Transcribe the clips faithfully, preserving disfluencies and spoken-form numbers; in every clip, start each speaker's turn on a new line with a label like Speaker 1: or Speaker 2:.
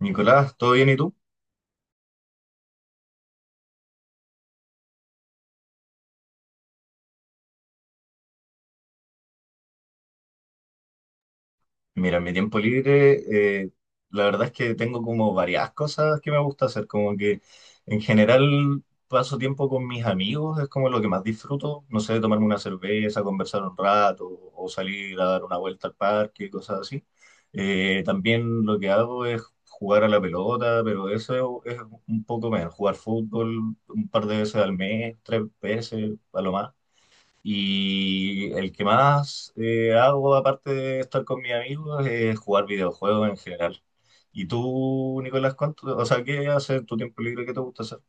Speaker 1: Nicolás, ¿todo bien y tú? Mira, en mi tiempo libre, eh, la verdad es que tengo como varias cosas que me gusta hacer, como que en general paso tiempo con mis amigos, es como lo que más disfruto, no sé, tomarme una cerveza, conversar un rato o salir a dar una vuelta al parque, cosas así. Eh, también lo que hago es jugar a la pelota, pero eso es un poco menos, jugar fútbol un par de veces al mes, tres veces a lo más. Y el que más eh, hago, aparte de estar con mis amigos, es jugar videojuegos en general. ¿Y tú, Nicolás, cuánto, o sea, qué haces en tu tiempo libre? ¿Qué te gusta hacer?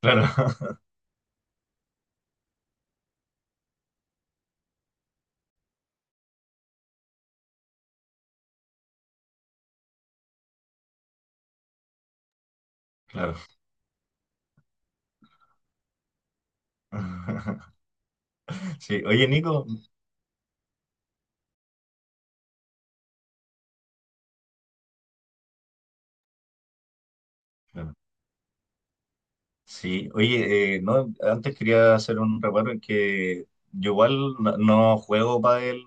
Speaker 1: Claro. Claro. Sí, oye, Nico. Claro. Sí, oye, eh, no, antes quería hacer un reparo en que yo igual no, no juego pádel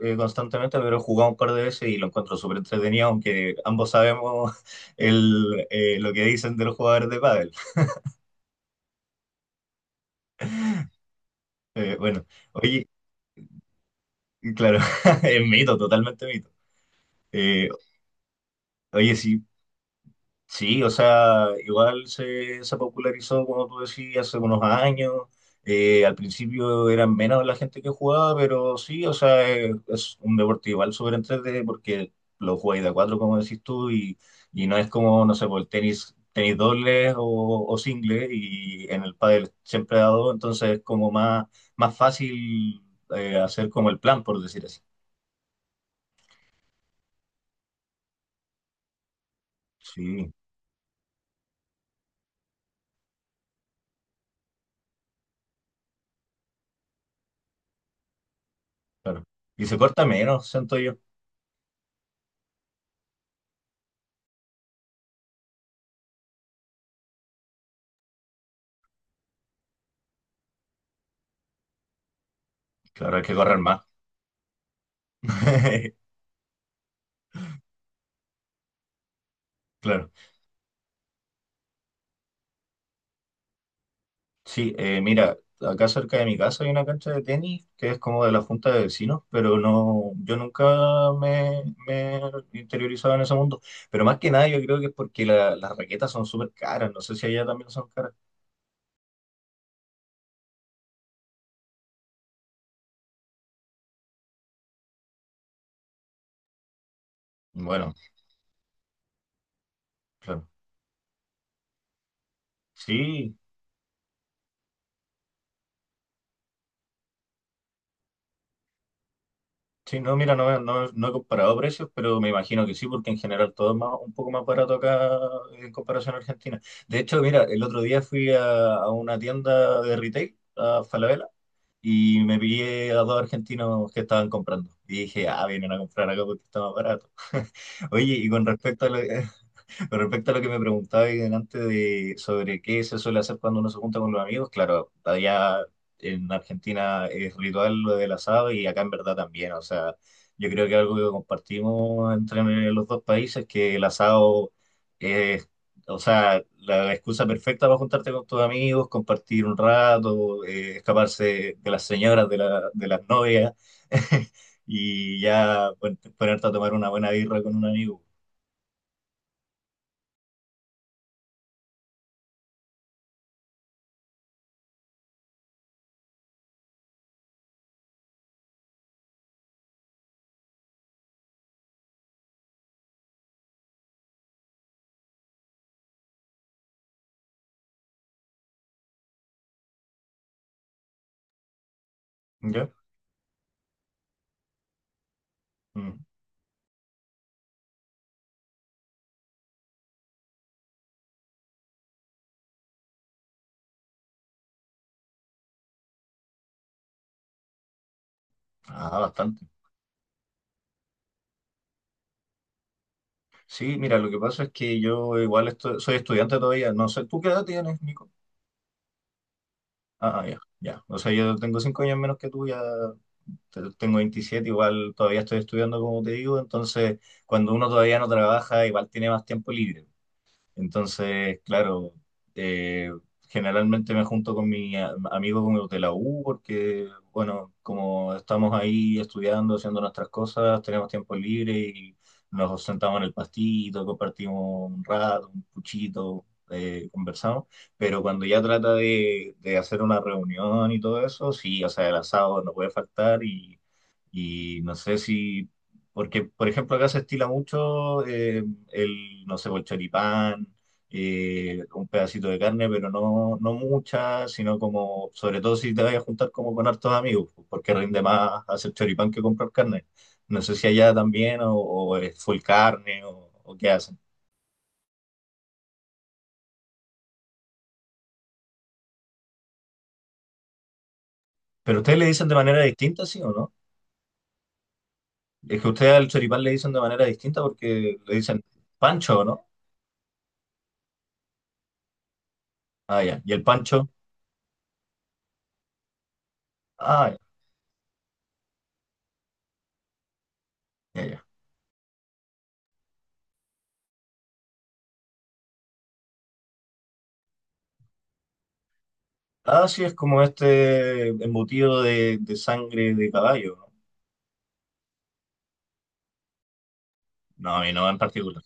Speaker 1: eh, constantemente, pero he jugado un par de veces y lo encuentro súper entretenido, aunque ambos sabemos el, eh, lo que dicen de los jugadores de pádel. Eh, bueno, oye, claro, es mito, totalmente mito. Eh, oye, sí, sí, o sea, igual se, se popularizó, como tú decías, hace unos años. Eh, al principio eran menos la gente que jugaba, pero sí, o sea, es, es un deporte igual súper entretenido porque lo jugáis de a cuatro, como decís tú, y, y no es como, no sé, por el tenis, tenis dobles o, o singles, y en el pádel siempre ha dado, entonces es como más, más fácil eh, hacer como el plan, por decir así. Sí, claro. Y se corta menos, siento yo. Claro, hay que correr más. Claro. Sí, eh, mira, acá cerca de mi casa hay una cancha de tenis que es como de la junta de vecinos, pero no, yo nunca me, me he interiorizado en ese mundo. Pero más que nada yo creo que es porque la- las raquetas son súper caras. No sé si allá también son caras. Bueno, claro. Sí, sí, no, mira, no, he- no, he no he comparado precios, pero me imagino que sí, porque en general todo es más, un poco más barato acá en comparación a Argentina. De hecho, mira, el otro día fui a, a una tienda de retail, a Falabella, y me pillé a dos argentinos que estaban comprando. Y dije, ah, vienen a comprar acá porque está más barato. Oye, y con respecto a lo, con respecto a lo que me preguntaba ahí delante de sobre qué se suele hacer cuando uno se junta con los amigos, claro, allá en Argentina es ritual lo del asado y acá en verdad también, o sea, yo creo que algo que compartimos entre los dos países es que el asado es, o sea, la excusa perfecta para juntarte con tus amigos, compartir un rato, eh, escaparse de las señoras, de la- de las novias y ya pon- ponerte a tomar una buena birra con un amigo. ¿Ya? Mm. Ah, bastante. Sí, mira, lo que pasa es que yo igual estoy, soy estudiante todavía. No sé, ¿tú qué edad tienes, Nico? Ah, ya, ya. O sea, yo tengo cinco años menos que tú, ya te- tengo veintisiete, igual todavía estoy estudiando, como te digo. Entonces, cuando uno todavía no trabaja, igual tiene más tiempo libre. Entonces, claro, eh, generalmente me junto con mis amigos como de la U porque, bueno, como estamos ahí estudiando, haciendo nuestras cosas, tenemos tiempo libre y nos sentamos en el pastito, compartimos un rato, un puchito, eh, conversamos. Pero cuando ya trata de, de hacer una reunión y todo eso, sí, o sea, el asado no puede faltar y, y no sé si porque, por ejemplo, acá se estila mucho eh, el, no sé, el choripán, eh, un pedacito de carne, pero no, no mucha, sino como, sobre todo si te vas a juntar como con hartos amigos, pues, porque rinde más hacer choripán que comprar carne. No sé si allá también, o, o es full carne, o, o qué hacen. Pero ustedes le dicen de manera distinta, ¿sí o no? Es que ustedes al choripán le dicen de manera distinta porque le dicen pancho, ¿no? Ah, ya. ¿Y el pancho? Ah, ya, ya. Ah, sí, es como este embutido de, de sangre de caballo. No, no, a mí no en particular.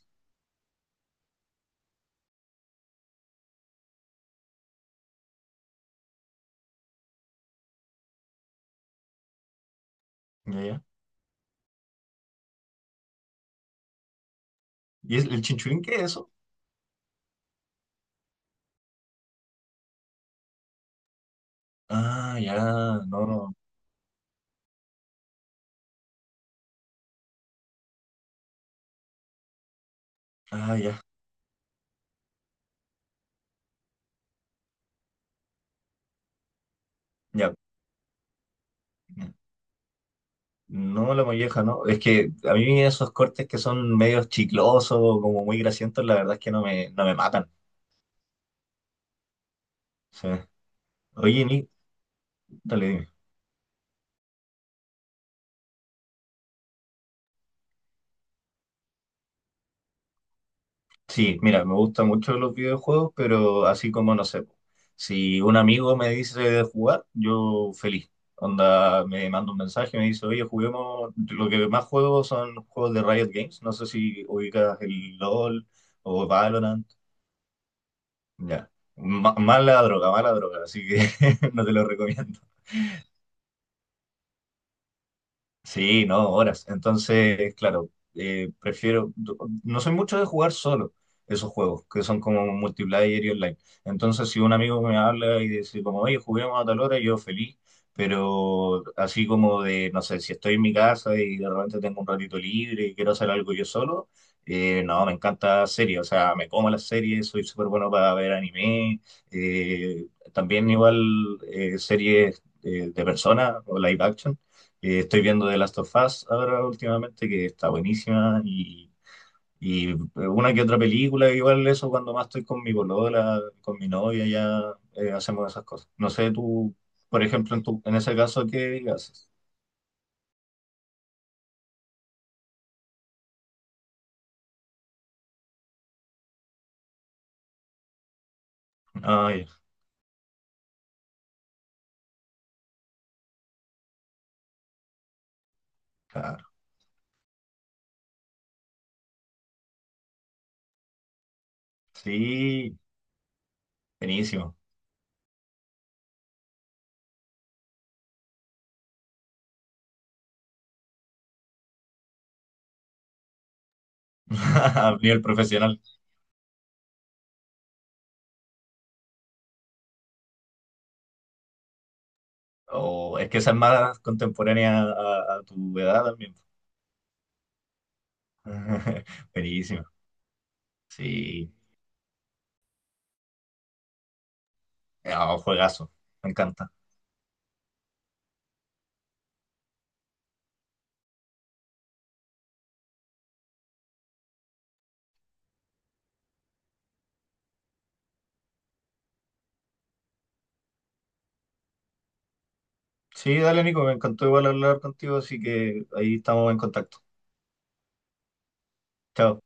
Speaker 1: Ya, ya. ¿Y es el chinchulín qué es eso? Ah, ya, no, no. Ah, ya, ya. No, la molleja, no. Es que a mí esos cortes que son medios chiclosos, como muy grasientos, la verdad es que no me, no me matan. Sí. Oye, Nick, dale, dime. Sí, mira, me gustan mucho los videojuegos, pero así como no sé, po, si un amigo me dice de jugar, yo feliz. Onda, me manda un mensaje, me dice, oye, juguemos, lo que más juego son juegos de Riot Games, no sé si ubicas el LOL o Valorant, ya. Ma- Mala droga, mala droga, así que no te lo recomiendo. Sí, no, horas. Entonces, claro, eh, prefiero, no soy mucho de jugar solo esos juegos, que son como multiplayer y online. Entonces, si un amigo me habla y dice como, oye, juguemos a tal hora, yo feliz, pero así como de, no sé, si estoy en mi casa y de repente tengo un ratito libre y quiero hacer algo yo solo, eh, no, me encanta series, o sea, me como las series, soy súper bueno para ver anime, eh, también igual eh, series eh, de personas o live action. Eh, estoy viendo The Last of Us ahora últimamente, que está buenísima, y, y eh, una que otra película, igual eso cuando más estoy con mi polola, con mi novia, ya eh, hacemos esas cosas. No sé, tú, por ejemplo, en, tu, en ese caso, ¿qué haces? Ay, claro. Sí, buenísimo. A nivel profesional. O es que esa es más contemporánea a, a tu edad también. Buenísimo. Sí, ah, juegazo, me encanta. Sí, dale, Nico, me encantó igual hablar contigo, así que ahí estamos en contacto. Chao.